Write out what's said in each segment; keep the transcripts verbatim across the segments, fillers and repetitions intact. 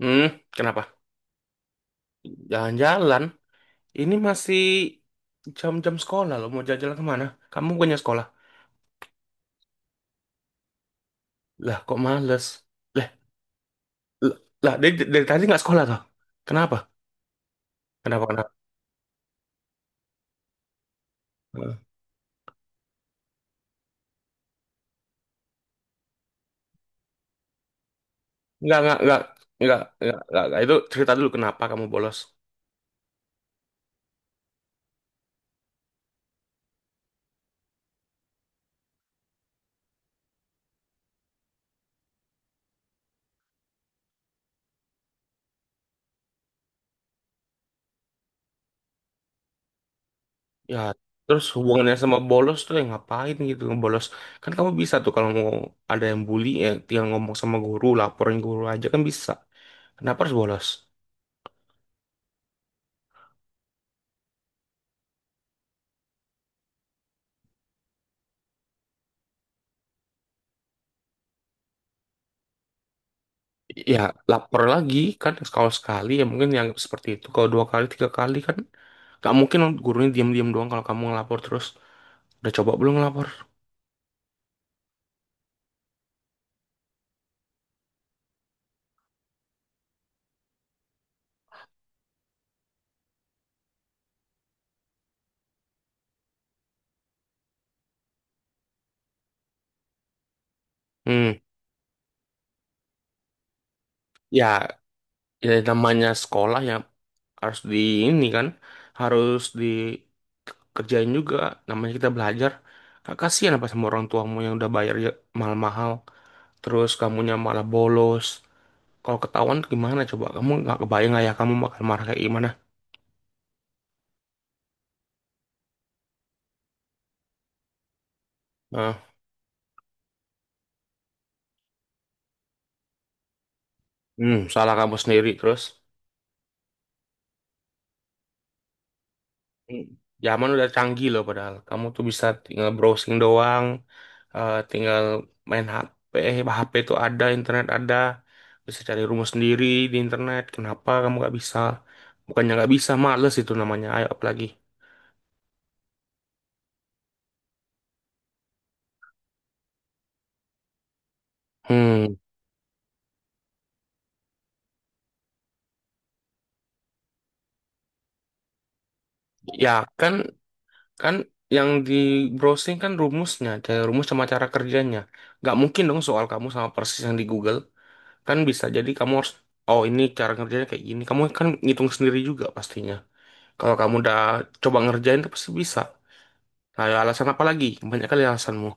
Hmm, kenapa? Jalan-jalan. Ini masih jam-jam sekolah loh. Mau jalan-jalan kemana? Kamu punya sekolah. Lah, kok males? Lah, l- lah dari, dari tadi nggak sekolah toh? Kenapa? Kenapa, kenapa? Nggak, nggak, nggak, nggak, nggak, nggak, nggak. Itu cerita dulu kenapa kamu bolos. Ya, terus hubungannya sama bolos tuh yang ngapain gitu bolos. Kan kamu bisa tuh kalau mau ada yang bully, ya tinggal ngomong sama guru, laporin guru aja kan bisa. Kenapa harus bolos? Ya lapor lagi kan, kalau sekali ya mungkin yang seperti itu. Kalau dua kali tiga kali kan gak mungkin gurunya diam-diam doang kalau kamu ngelapor terus. Udah coba belum ngelapor? hmm ya ya namanya sekolah, ya harus di ini kan, harus dikerjain juga, namanya kita belajar. Gak kasihan apa sama orang tuamu yang udah bayar ya, mahal-mahal, terus kamunya malah bolos? Kalau ketahuan gimana coba? Kamu nggak kebayang ayah kamu bakal marah kayak gimana. Nah, hmm salah kamu sendiri. Terus... Hmm, Zaman udah canggih loh padahal. Kamu tuh bisa tinggal browsing doang, eh, tinggal main H P, H P tuh ada, internet ada. Bisa cari rumah sendiri di internet. Kenapa kamu gak bisa? Bukannya gak bisa, males itu namanya. Ayo apalagi. Hmm, Ya, kan kan yang di browsing kan rumusnya, kayak rumus sama cara kerjanya. Gak mungkin dong soal kamu sama persis yang di Google. Kan bisa jadi kamu harus, oh, ini cara kerjanya kayak gini. Kamu kan ngitung sendiri juga pastinya. Kalau kamu udah coba ngerjain tuh pasti bisa. Nah, ya, alasan apa lagi? Banyak kali alasanmu.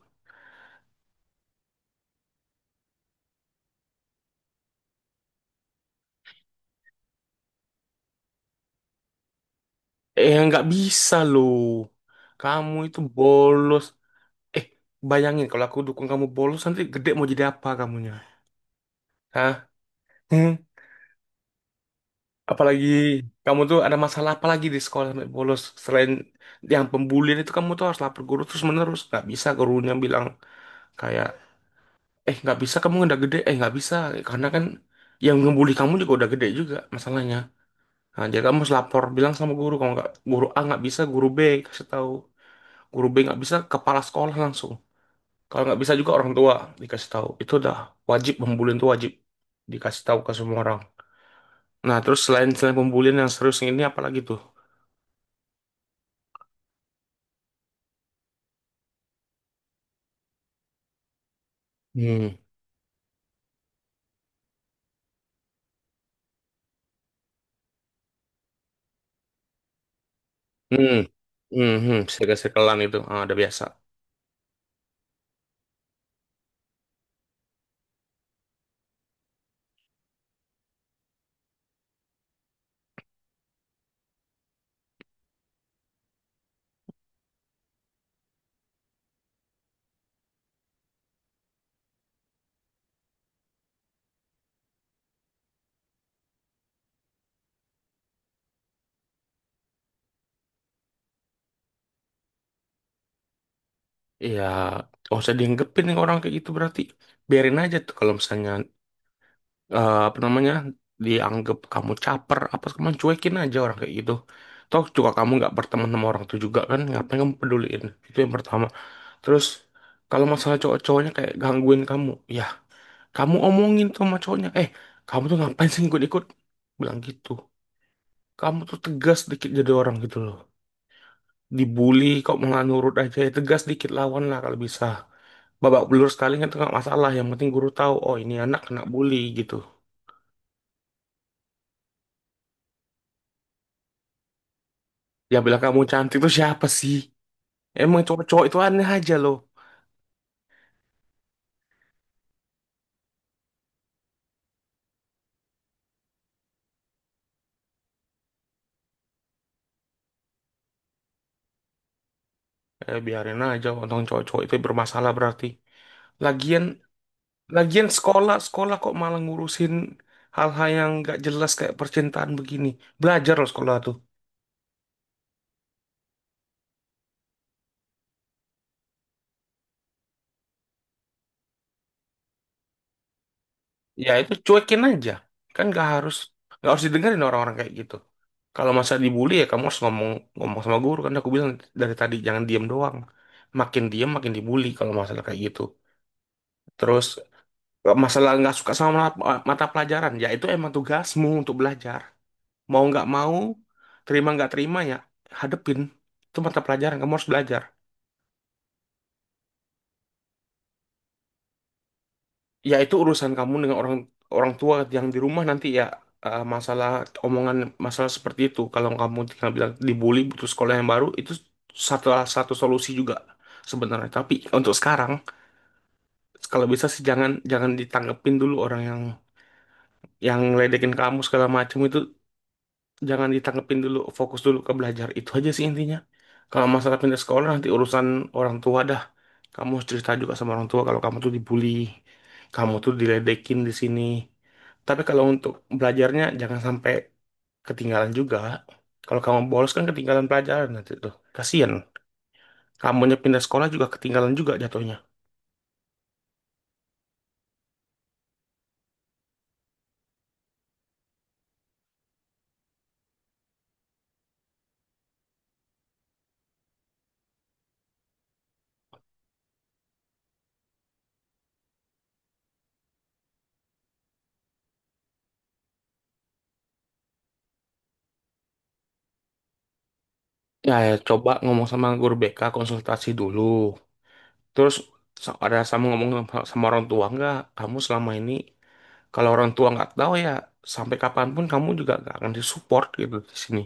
Eh, nggak bisa loh. Kamu itu bolos. Eh, bayangin kalau aku dukung kamu bolos, nanti gede mau jadi apa kamunya? Hah? Hmm? Apalagi kamu tuh ada masalah apa lagi di sekolah sampai bolos selain yang pembulian itu? Kamu tuh harus lapor guru terus menerus, nggak bisa gurunya bilang kayak, eh, nggak bisa, kamu udah gede, eh, nggak bisa, karena kan yang ngebully kamu juga udah gede juga masalahnya. Nah, jadi kamu harus lapor, bilang sama guru. Kalau nggak guru A nggak bisa, guru B kasih tahu. Guru B nggak bisa, kepala sekolah langsung. Kalau nggak bisa juga, orang tua dikasih tahu. Itu udah wajib, pembulian itu wajib dikasih tahu ke semua orang. Nah terus, selain selain pembulian yang serius ini, apalagi tuh? Hmm. Hmm. Hmm, hmm. Segel-segelan itu, ah, udah biasa. Iya, gak usah dianggepin nih orang kayak gitu berarti. Biarin aja tuh, kalau misalnya, eh, apa namanya, dianggap kamu caper apa, kamu cuekin aja orang kayak gitu. Toh juga kamu nggak berteman sama orang itu juga kan, ngapain kamu peduliin? Itu yang pertama. Terus, kalau masalah cowok-cowoknya kayak gangguin kamu, ya kamu omongin tuh sama cowoknya, eh, kamu tuh ngapain sih ikut-ikut, bilang gitu. Kamu tuh tegas dikit jadi orang gitu loh. Dibully kok malah nurut aja, ya tegas dikit, lawan lah kalau bisa. Babak belur sekali kan itu nggak masalah, yang penting guru tahu oh ini anak kena bully gitu. Yang bilang kamu cantik tuh siapa sih? Emang cowok-cowok itu aneh aja loh. Eh, biarin aja, tentang cowok-cowok itu bermasalah berarti. Lagian, lagian sekolah, sekolah kok malah ngurusin hal-hal yang nggak jelas kayak percintaan begini. Belajar loh, sekolah tuh. Ya itu cuekin aja. Kan nggak harus, nggak harus, didengerin orang-orang kayak gitu. Kalau masa dibully ya kamu harus ngomong ngomong sama guru. Kan aku bilang dari tadi, jangan diem doang. Makin diem makin dibully kalau masalah kayak gitu. Terus, nggak masalah nggak suka sama mata mata pelajaran, ya itu emang tugasmu untuk belajar. Mau nggak mau, terima nggak terima ya, hadepin. Itu mata pelajaran, kamu harus belajar. Ya itu urusan kamu dengan orang orang tua yang di rumah nanti ya, eh, masalah omongan, masalah seperti itu. Kalau kamu tinggal bilang dibully butuh sekolah yang baru, itu satu satu solusi juga sebenarnya. Tapi untuk sekarang, kalau bisa sih jangan jangan ditanggepin dulu orang yang yang ledekin kamu segala macam itu. Jangan ditanggepin dulu, fokus dulu ke belajar, itu aja sih intinya. Kalau masalah pindah sekolah nanti urusan orang tua dah. Kamu harus cerita juga sama orang tua kalau kamu tuh dibully, kamu tuh diledekin di sini. Tapi kalau untuk belajarnya jangan sampai ketinggalan juga. Kalau kamu bolos kan ketinggalan pelajaran nanti tuh, kasian kamunya, pindah sekolah juga ketinggalan juga jatuhnya. Ya, ya coba ngomong sama guru B K, konsultasi dulu. Terus, so- ada sama ngomong sama sama orang tua nggak kamu selama ini? Kalau orang tua nggak tahu ya, sampai kapanpun kamu juga nggak akan disupport gitu di sini.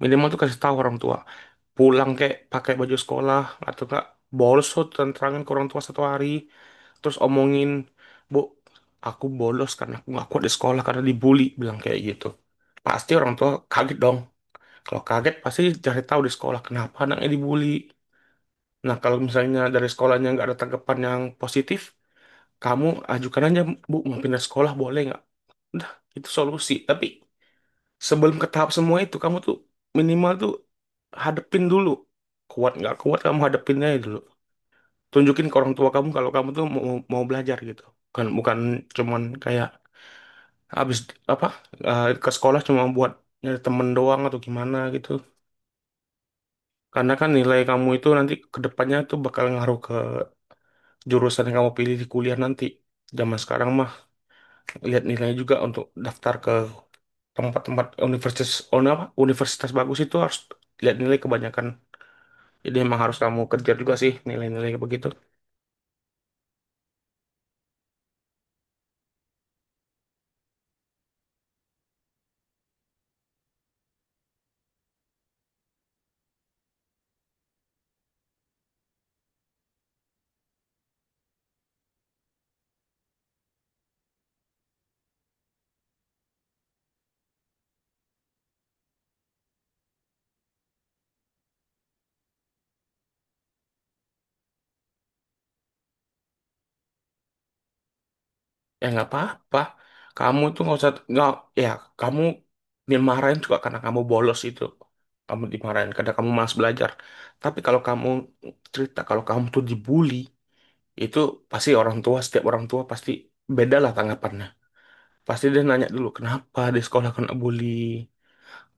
Minimal tuh kasih tahu orang tua. Pulang kayak pakai baju sekolah atau nggak bolos tuh, terangin ke orang tua satu hari. Terus omongin, Bu, aku bolos karena aku nggak kuat di sekolah karena dibully. Bilang kayak gitu. Pasti orang tua kaget dong. Kalau kaget pasti cari tahu di sekolah kenapa anaknya dibully. Nah, kalau misalnya dari sekolahnya nggak ada tanggapan yang positif, kamu ajukan aja, Bu, mau pindah sekolah boleh nggak? Udah, itu solusi. Tapi sebelum ke tahap semua itu, kamu tuh minimal tuh hadepin dulu. Kuat nggak kuat, kamu hadepin aja dulu. Tunjukin ke orang tua kamu kalau kamu tuh mau, mau belajar gitu. Kan bukan cuman kayak habis, apa, eh, ke sekolah cuma buat nyari temen doang atau gimana gitu. Karena kan nilai kamu itu nanti ke depannya tuh bakal ngaruh ke jurusan yang kamu pilih di kuliah nanti. Zaman sekarang mah lihat nilai juga, untuk daftar ke tempat-tempat universitas, oh, apa, universitas bagus itu harus lihat nilai kebanyakan. Jadi emang harus kamu kejar juga sih nilai-nilai begitu. Ya nggak apa-apa. Kamu itu nggak usah, nggak, ya, kamu dimarahin juga karena kamu bolos itu, kamu dimarahin karena kamu malas belajar. Tapi kalau kamu cerita kalau kamu tuh dibully, itu pasti orang tua, setiap orang tua pasti beda lah tanggapannya. Pasti dia nanya dulu kenapa di sekolah kena bully.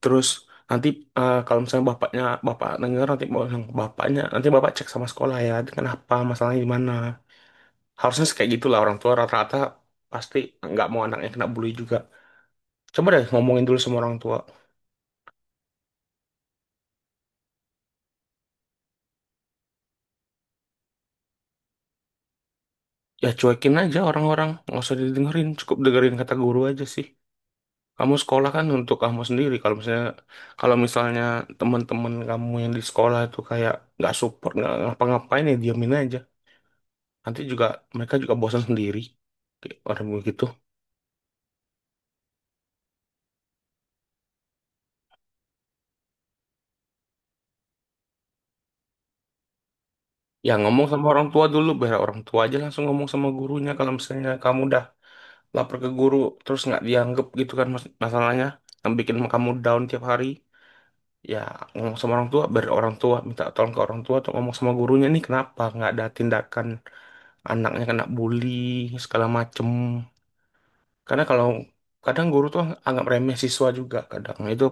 Terus nanti, eh, kalau misalnya bapaknya, bapak denger nanti mau bilang ke bapaknya, nanti bapak cek sama sekolah ya, kenapa, masalahnya di mana. Harusnya sih kayak gitulah orang tua rata-rata. Pasti nggak mau anaknya kena bully juga. Coba deh ngomongin dulu sama orang tua. Ya cuekin aja orang-orang, nggak usah didengerin, cukup dengerin kata guru aja sih. Kamu sekolah kan untuk kamu sendiri. Kalau misalnya, kalau misalnya teman-teman kamu yang di sekolah itu kayak nggak support, nggak ngapa-ngapain, ya diamin aja. Nanti juga mereka juga bosan sendiri. Kayak orang begitu. Ya ngomong sama orang tua dulu, biar orang tua aja langsung ngomong sama gurunya. Kalau misalnya kamu udah lapor ke guru, terus nggak dianggap gitu kan mas- masalahnya, yang bikin kamu down tiap hari. Ya ngomong sama orang tua, biar orang tua minta tolong, ke orang tua atau ngomong sama gurunya nih kenapa nggak ada tindakan, anaknya kena bully segala macem. Karena kalau kadang guru tuh anggap remeh siswa juga kadang, itu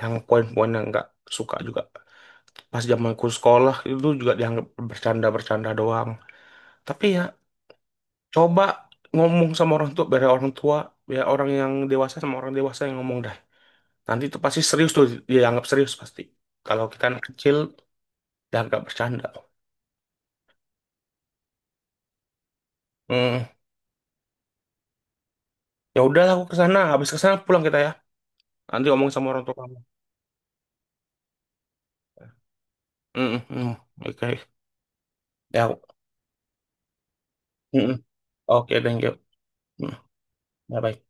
yang poin-poin yang nggak suka juga. Pas zaman zamanku sekolah itu juga dianggap bercanda-bercanda doang. Tapi ya, coba ngomong sama orang tua, biar orang tua, biar orang yang dewasa sama orang dewasa yang ngomong dah. Nanti itu pasti serius tuh, dia anggap serius pasti. Kalau kita anak kecil, dianggap bercanda. Hmm, ya udahlah, aku ke sana, habis ke sana pulang kita ya. Nanti ngomong sama orang tua kamu. Hmm, hmm, hmm. Oke. Ya, aku- hmm, hmm. Oke, thank you. Hmm, bye-bye.